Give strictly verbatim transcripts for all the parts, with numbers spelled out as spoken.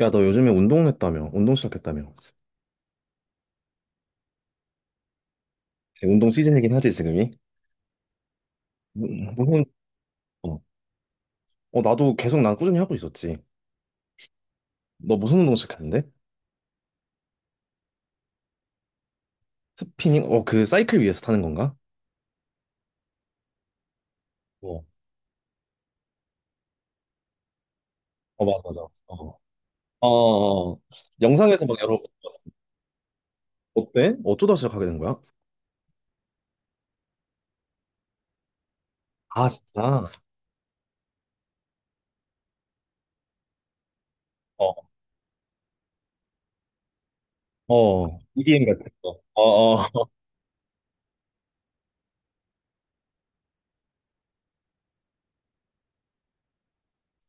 야, 너 요즘에 운동했다며? 운동 시작했다며? 운동 시즌이긴 하지, 지금이? 무- 무슨, 어, 어, 나도 계속 난 꾸준히 하고 있었지. 너 무슨 운동 시작했는데? 스피닝? 어, 그 사이클 위에서 타는 건가? 어, 어, 맞아, 맞아. 어, 어, 어. 영상에서 막 여러 번 봤어. 어때? 어쩌다 시작하게 된 거야? 아, 진짜? 어, 어. 이디엠 같은 거. 어, 어,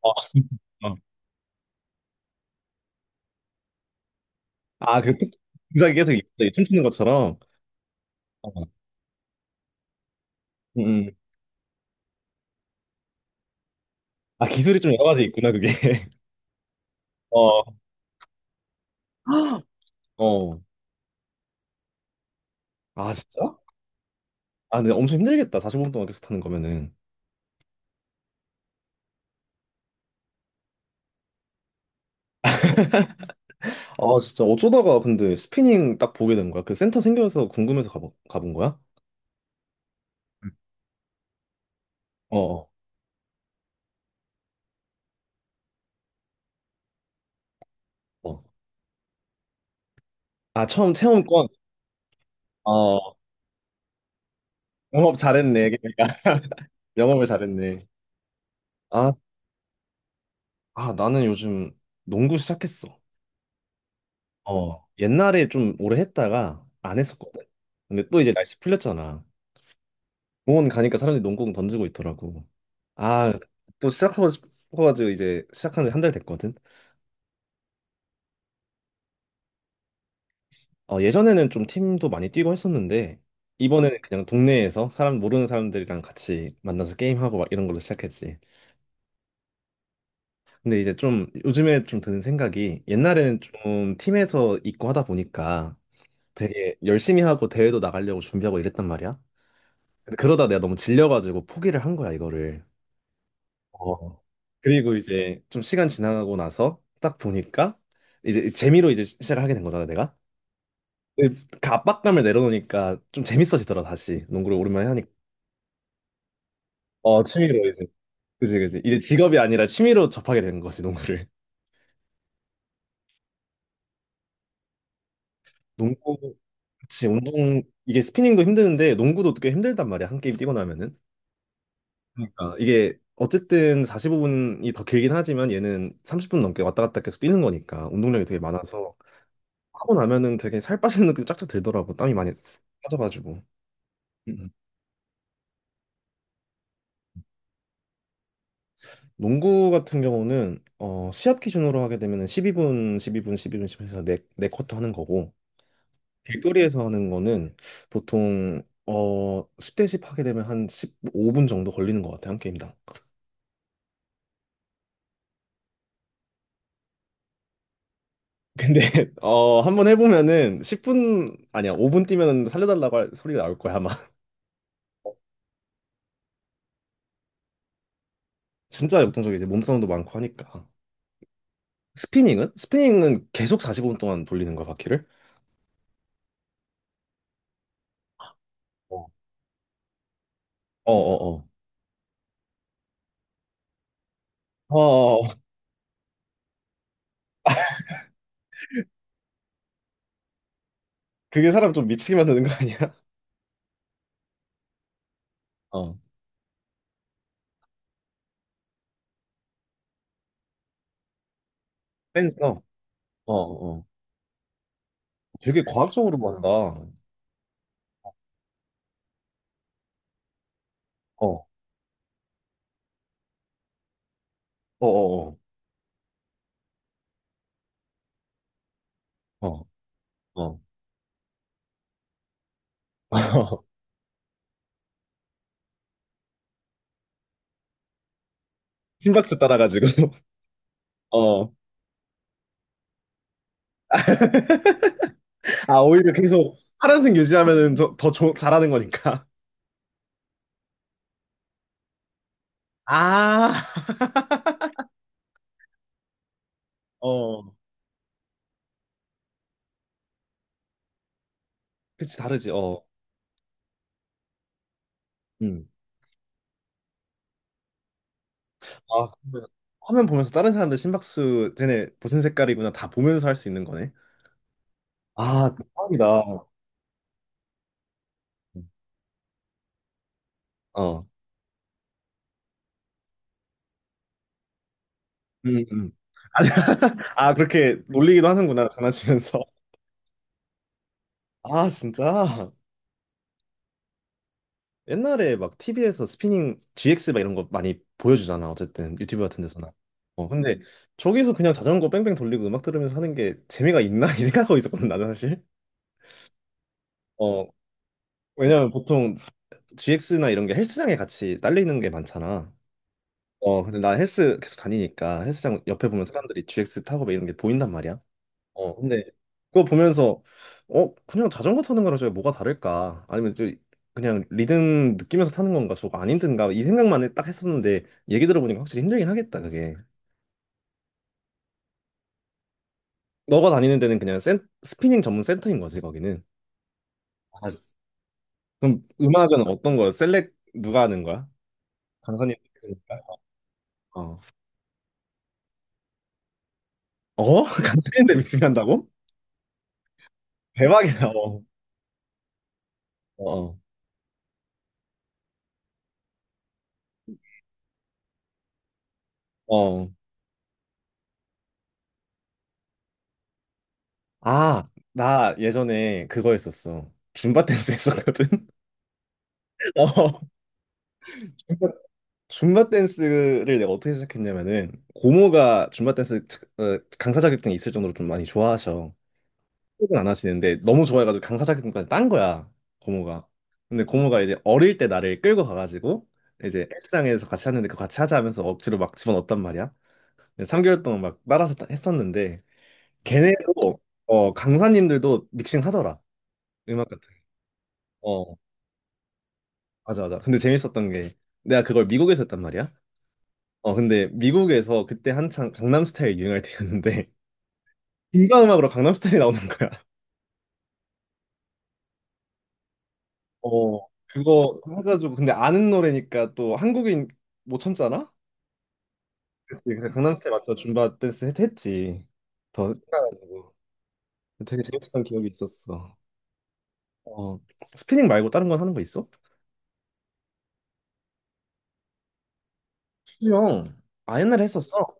어. 어. 아, 그, 툭- 동작이 계속 있어. 춤추는 것처럼. 어. 음, 음. 아, 기술이 좀 여러 가지 있구나, 그게. 어. 어. 아, 진짜? 아, 근데 엄청 힘들겠다, 사십오 분 동안 계속 타는 거면은. 아, 진짜. 어쩌다가 근데 스피닝 딱 보게 된 거야? 그 센터 생겨서 궁금해서 가본 가본 거야? 어어, 어. 어. 아, 처음 체험권. 어, 영업 잘했네, 그러니까. 영업을 잘했네. 아, 아 나는 요즘 농구 시작했어. 어, 옛날에 좀 오래 했다가 안 했었거든. 근데 또 이제 날씨 풀렸잖아. 공원 가니까 사람들이 농구공 던지고 있더라고. 아, 또 시작하고 싶어가지고 이제 시작한 지 한 달 됐거든. 어, 예전에는 좀 팀도 많이 뛰고 했었는데, 이번에는 그냥 동네에서 사람, 모르는 사람들이랑 같이 만나서 게임하고 막 이런 걸로 시작했지. 근데 이제 좀 요즘에 좀 드는 생각이, 옛날에는 좀 팀에서 있고 하다 보니까 되게 열심히 하고 대회도 나가려고 준비하고 이랬단 말이야. 근데 그러다 내가 너무 질려가지고 포기를 한 거야, 이거를. 어. 그리고 이제 좀 시간 지나가고 나서 딱 보니까 이제 재미로 이제 시- 시작을 하게 된 거잖아, 내가. 근데 그 압박감을 내려놓으니까 좀 재밌어지더라, 다시. 농구를 오랜만에 하니까. 어, 취미로 이제. 그지, 그지. 이제 직업이 아니라 취미로 접하게 된 거지, 농구를. 농구, 그치, 운동, 이게 스피닝도 힘드는데, 농구도 꽤 힘들단 말이야, 한 게임 뛰고 나면은. 그러니까 이게, 어쨌든 사십오 분이 더 길긴 하지만, 얘는 삼십 분 넘게 왔다 갔다 계속 뛰는 거니까, 운동량이 되게 많아서, 하고 나면은 되게 살 빠지는 느낌이 쫙쫙 들더라고, 땀이 많이 빠져가지고. 음. 농구 같은 경우는, 어, 시합 기준으로 하게 되면은 십이 분, 십이 분, 십이 분, 십이 분 해서 네네쿼터 하는 거고, 길거리에서 하는 거는 보통 어, 십 대씩 하게 되면 한 십오 분 정도 걸리는 것 같아요, 한 게임당. 근데 어, 한번 해보면은 십 분 아니야, 오 분 뛰면 살려달라고 할 소리가 나올 거야 아마. 진짜 역동적이, 이제 몸싸움도 많고 하니까. 스피닝은? 스피닝은 계속 사십오 분 동안 돌리는 거야, 바퀴를? 어, 어, 어어, 어. 어, 어, 어. 어. 그게 사람 좀 미치게 만드는 거 아니야? 어. 댄서. 어어, 어, 어. 어. 되게 과학적으로 만다. 어, 어, 어, 어, 어, 어. 심박수 따라가지고. 어. 아, 오히려 계속 파란색 유지하면은 저, 더 조, 잘하는 거니까. 아, 어. 그치, 다르지, 어. 음. 아, 그러면 화면 보면서 다른 사람들 심박수, 쟤네 무슨 색깔이구나 다 보면서 할 수 있는 거네. 아, 대박이다. 어. 음, 음. 아니, 아, 그렇게 놀리기도 하는구나, 장난치면서. 아, 진짜? 옛날에 막 티비에서 스피닝 지엑스 막 이런 거 많이 보여주잖아. 어쨌든 유튜브 같은 데서나. 어, 근데 저기서 그냥 자전거 뺑뺑 돌리고 음악 들으면서 하는 게 재미가 있나? 이 생각하고 있었거든, 나는 사실. 어, 왜냐면 보통 지엑스나 이런 게 헬스장에 같이 딸리는 게 많잖아. 어, 근데 나 헬스 계속 다니니까 헬스장 옆에 보면 사람들이 지엑스 타고 막 이런 게 보인단 말이야. 어, 근데 그거 보면서 어, 그냥 자전거 타는 거랑 저게 뭐가 다를까? 아니면 저 그냥 리듬 느끼면서 타는 건가? 저거 안 힘든가? 이 생각만 해- 딱 했었는데, 얘기 들어보니까 확실히 힘들긴 하겠다, 그게. 너가 다니는 데는 그냥 센, 스피닝 전문 센터인 거지, 거기는? 아, 그럼 음악은 어떤 거야? 셀렉 누가 하는 거야? 강사님. 어. 어? 강사님들 믹싱한다고? 대박이다. 어. 어. 어. 어. 아, 나 예전에 그거 했었어. 줌바 댄스 했었거든. 어. 줌바 댄스를 내가 어떻게 시작했냐면은, 고모가 줌바 댄스 차- 어, 강사 자격증이 있을 정도로 좀 많이 좋아하셔. 혹은 안 하시는데 너무 좋아해가지고 강사 자격증까지 딴 거야, 고모가. 근데 고모가 이제 어릴 때 나를 끌고 가가지고 이제 헬스장에서 같이 하는데, 그 같이 하자 하면서 억지로 막 집어넣었단 말이야. 삼 개월 동안 막 따라서 따- 했었는데, 걔네도, 어, 강사님들도 믹싱 하더라, 음악 같은 거. 어, 맞아, 맞아. 근데 재밌었던 게, 내가 그걸 미국에서 했단 말이야. 어, 근데 미국에서 그때 한창 강남스타일 유행할 때였는데, 인간음악으로 강남스타일이 나오는 거야. 어, 그거 해가지고, 근데 아는 노래니까 또 한국인 못 참잖아? 그래서 그냥 강남스타일 맞춰 줌바 댄스 했- 했지. 더 신나가지고 되게 재밌었던 기억이 있었어. 어, 스피닝 말고 다른 건 하는 거 있어? 수영. 아, 옛날에 했었어.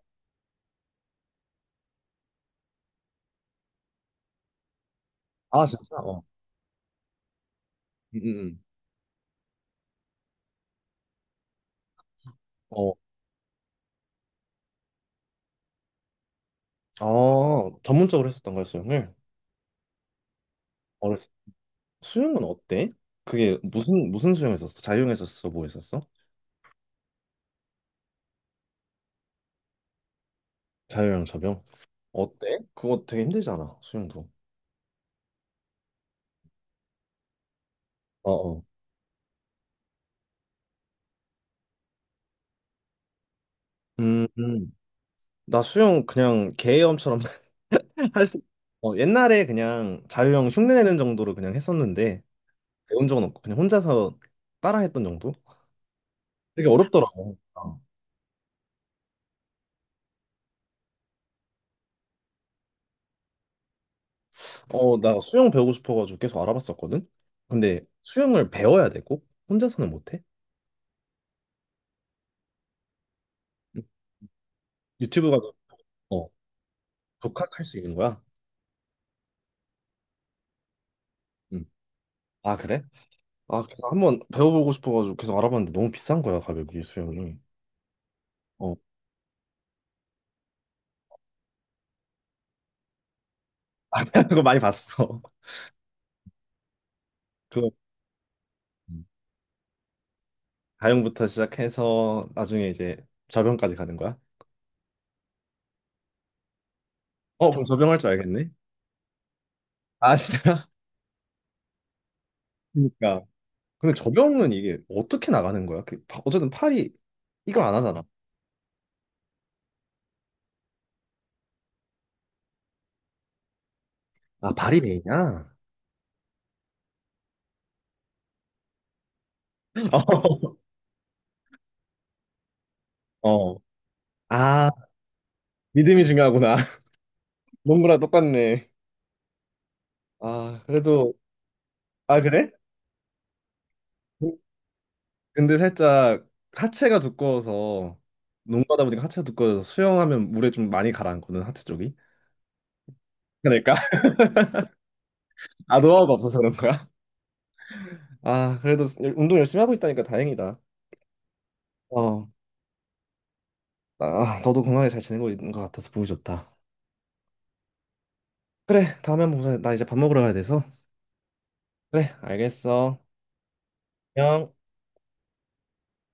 아, 진짜? 어. 응, 응, 응. 어, 아, 전문적으로 했었던 거야, 수영을? 수영은 어때? 그게 무슨 무슨 수영 했었어? 자유형 했었어? 뭐 했었어? 자유형 접영? 어때? 그거 되게 힘들잖아 수영도. 어어. 음, 음. 나 수영 그냥 개염처럼 할 수. 어, 옛날에 그냥 자유형 흉내내는 정도로 그냥 했었는데, 배운 적은 없고 그냥 혼자서 따라했던 정도. 되게 어렵더라고. 어 어, 나 수영 배우고 싶어가지고 계속 알아봤었거든. 근데 수영을 배워야 되고 혼자서는 못해. 응. 유튜브 가서, 어, 독학할 수 있는 거야. 응. 아, 그래? 아, 그래서 한번 배워보고 싶어가지고 계속 알아봤는데 너무 비싼 거야, 가격이, 수영이. 어. 아, 그거 많이 봤어. 그거 가용부터 시작해서 나중에 이제 접영까지 가는 거야? 어, 그럼 접영할 줄 알겠네? 아, 진짜? 그러니까. 근데 접영은 이게 어떻게 나가는 거야? 그, 파- 어쨌든 팔이 이걸 안 하잖아. 아, 발이 메이냐? 어. 어. 아, 믿음이 중요하구나. 농구랑 똑같네. 아, 그래도. 아, 그래? 근데 살짝 하체가 두꺼워서, 농구하다 보니까 하체가 두꺼워서 수영하면 물에 좀 많이 가라앉거든, 하체 쪽이. 그러니까. 아, 노하우가 없어서 그런 거야? 아, 그래도 운동 열심히 하고 있다니까 다행이다. 어. 아, 너도 건강하게 잘 지내고 있는 것 같아서 보기 좋다. 그래, 다음에 한번 보자. 나 이제 밥 먹으러 가야 돼서. 그래, 알겠어. 안녕.